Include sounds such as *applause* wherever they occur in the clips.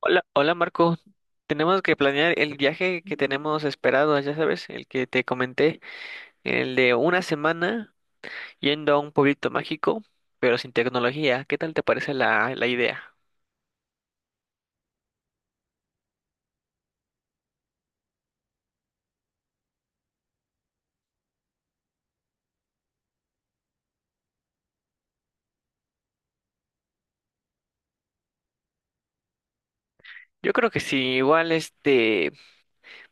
Hola, hola Marco. Tenemos que planear el viaje que tenemos esperado, ya sabes, el que te comenté, el de una semana yendo a un pueblito mágico, pero sin tecnología. ¿Qué tal te parece la idea? Yo creo que sí, igual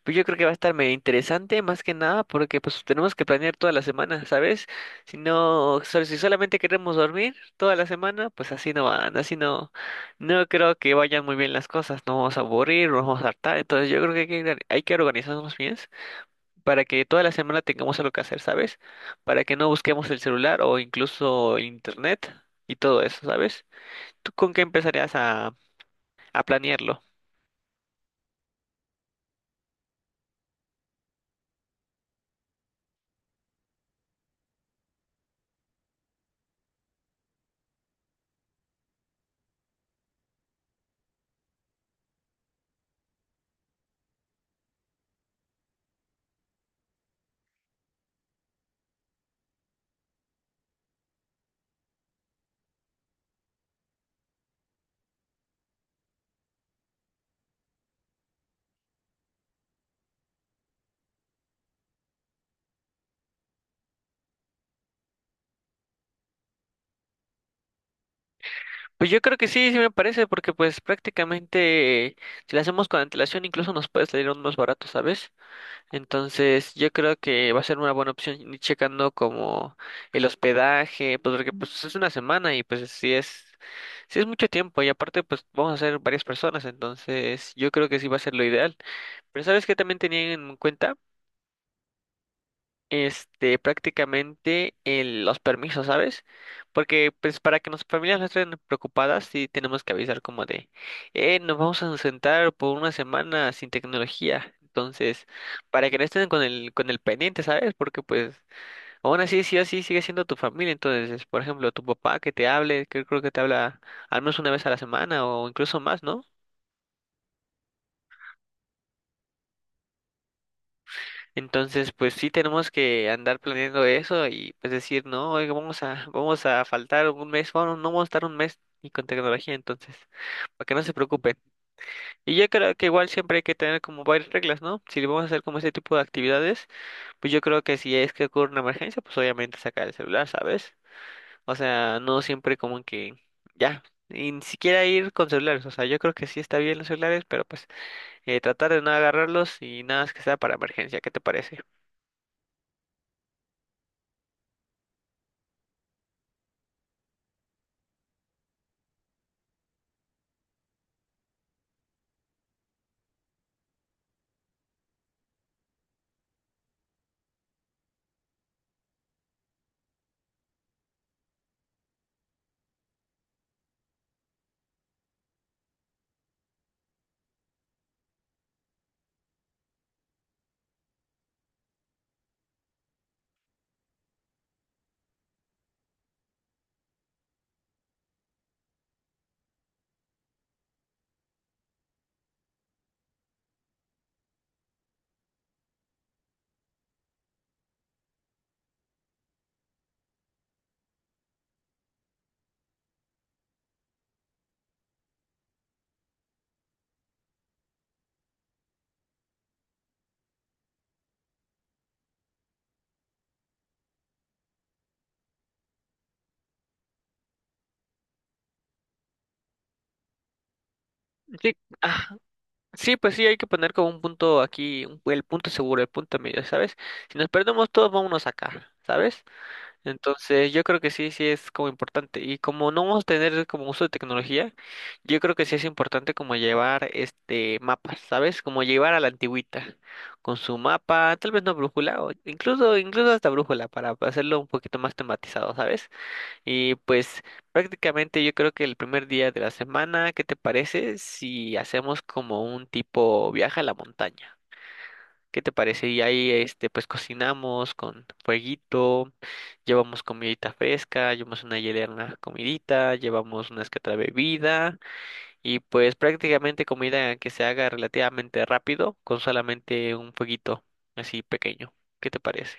pues yo creo que va a estar medio interesante, más que nada, porque pues tenemos que planear toda la semana, ¿sabes? Si no, si solamente queremos dormir toda la semana, pues así no van, así no, no creo que vayan muy bien las cosas, no vamos a aburrir, nos vamos a hartar, entonces yo creo que hay que organizarnos bien para que toda la semana tengamos algo que hacer, ¿sabes? Para que no busquemos el celular o incluso internet y todo eso, ¿sabes? ¿Tú con qué empezarías a planearlo? Pues yo creo que sí, sí me parece, porque pues prácticamente si lo hacemos con antelación incluso nos puede salir aún más barato, ¿sabes? Entonces yo creo que va a ser una buena opción ir checando como el hospedaje, pues porque pues es una semana y pues sí es mucho tiempo y aparte pues vamos a ser varias personas, entonces yo creo que sí va a ser lo ideal. Pero ¿sabes qué también tenía en cuenta? Prácticamente los permisos, ¿sabes? Porque pues para que nuestras familias no estén preocupadas, sí tenemos que avisar como de, nos vamos a sentar por una semana sin tecnología. Entonces, para que no estén con con el pendiente, ¿sabes? Porque pues, aún así, sí o sí, sigue siendo tu familia. Entonces, por ejemplo, tu papá que te hable, que creo que te habla al menos una vez a la semana o incluso más, ¿no? Entonces, pues sí tenemos que andar planeando eso y pues decir, no, oiga, vamos a faltar un mes, bueno, no vamos a estar un mes ni con tecnología, entonces, para que no se preocupen. Y yo creo que igual siempre hay que tener como varias reglas, ¿no? Si vamos a hacer como ese tipo de actividades, pues yo creo que si es que ocurre una emergencia, pues obviamente sacar el celular, ¿sabes? O sea, no siempre como que ya, y ni siquiera ir con celulares, o sea, yo creo que sí está bien los celulares, pero pues tratar de no agarrarlos y nada más que sea para emergencia, ¿qué te parece? Sí, ah, sí, pues sí, hay que poner como un punto aquí, el punto seguro, el punto medio, ¿sabes? Si nos perdemos todos, vámonos acá, ¿sabes? Entonces, yo creo que sí, sí es como importante. Y como no vamos a tener como uso de tecnología, yo creo que sí es importante como llevar este mapas, ¿sabes? Como llevar a la antigüita, con su mapa, tal vez no brújula, o incluso hasta brújula, para hacerlo un poquito más tematizado, ¿sabes? Y pues prácticamente yo creo que el primer día de la semana, ¿qué te parece si hacemos como un tipo viaje a la montaña? ¿Qué te parece? Y ahí este pues cocinamos con fueguito, llevamos comidita fresca, llevamos una hielera, una comidita, llevamos una que otra bebida y pues prácticamente comida que se haga relativamente rápido con solamente un fueguito así pequeño. ¿Qué te parece?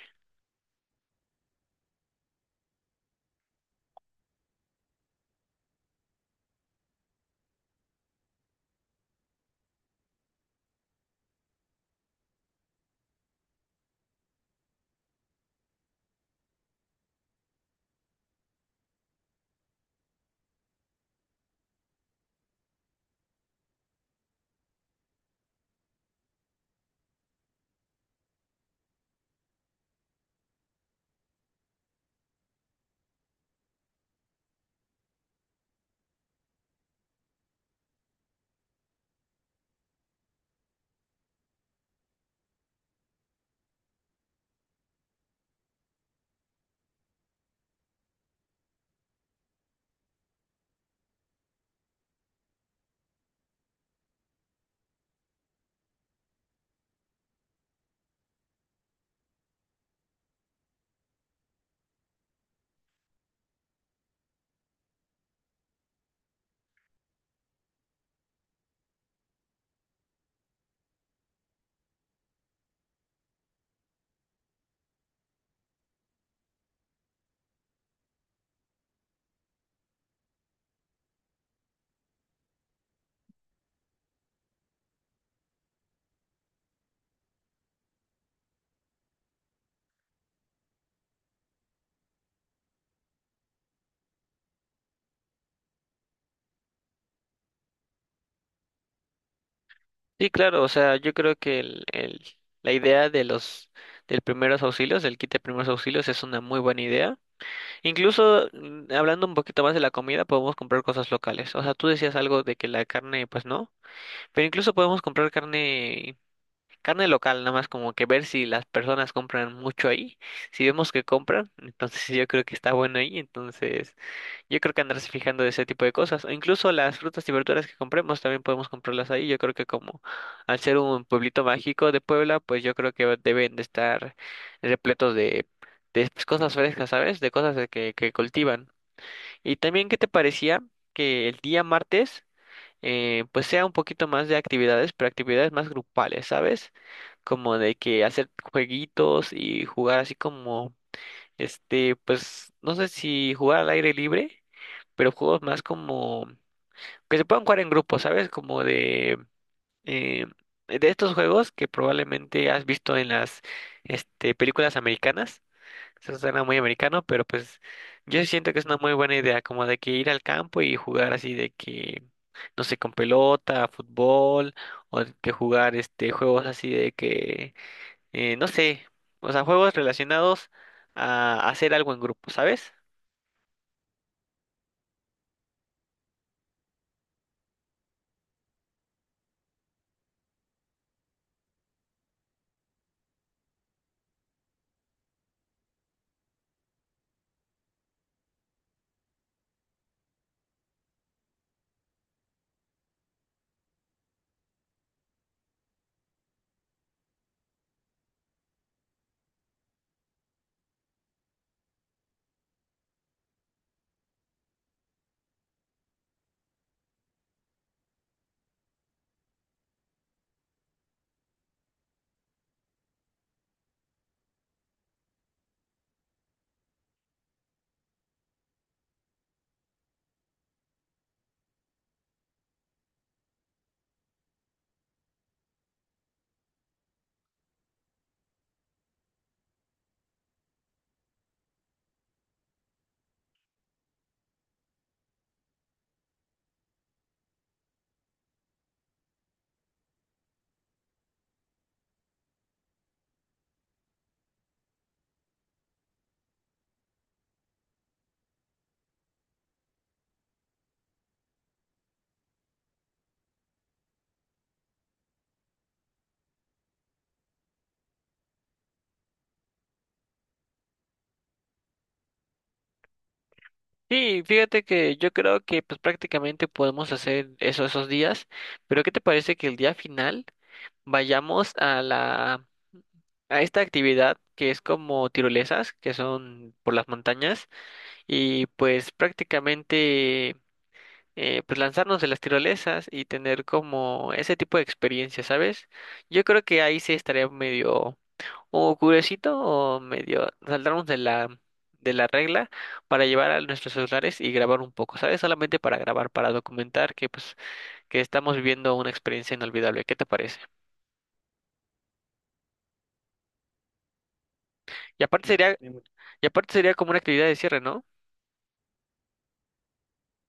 Sí, claro, o sea, yo creo que la idea de los del primeros auxilios, del kit de primeros auxilios, es una muy buena idea. Incluso hablando un poquito más de la comida, podemos comprar cosas locales. O sea, tú decías algo de que la carne, pues no, pero incluso podemos comprar carne, carne local, nada más como que ver si las personas compran mucho ahí. Si vemos que compran, entonces *laughs* yo creo que está bueno ahí, entonces. Yo creo que andarse fijando de ese tipo de cosas. O incluso las frutas y verduras que compremos también podemos comprarlas ahí. Yo creo que como al ser un pueblito mágico de Puebla, pues yo creo que deben de estar repletos de pues, cosas frescas, ¿sabes? De cosas que cultivan. Y también, ¿qué te parecía que el día martes pues sea un poquito más de actividades, pero actividades más grupales, ¿sabes? Como de que hacer jueguitos y jugar así como, pues no sé si jugar al aire libre pero juegos más como que se puedan jugar en grupo, ¿sabes? Como eh, de estos juegos que probablemente has visto en las películas americanas. Eso suena muy americano, pero pues yo sí siento que es una muy buena idea, como de que ir al campo y jugar así de que, no sé, con pelota, fútbol, o de que jugar este juegos así de que, no sé, o sea, juegos relacionados a hacer algo en grupo, ¿sabes? Sí, fíjate que yo creo que pues prácticamente podemos hacer eso esos días, pero ¿qué te parece que el día final vayamos a la a esta actividad que es como tirolesas, que son por las montañas y pues prácticamente pues lanzarnos de las tirolesas y tener como ese tipo de experiencia, ¿sabes? Yo creo que ahí sí estaría medio o curiosito o medio saltarnos de la regla para llevar a nuestros celulares y grabar un poco, ¿sabes? Solamente para grabar, para documentar que pues que estamos viviendo una experiencia inolvidable. ¿Qué te parece? Y aparte sería y aparte sería como una actividad de cierre, ¿no?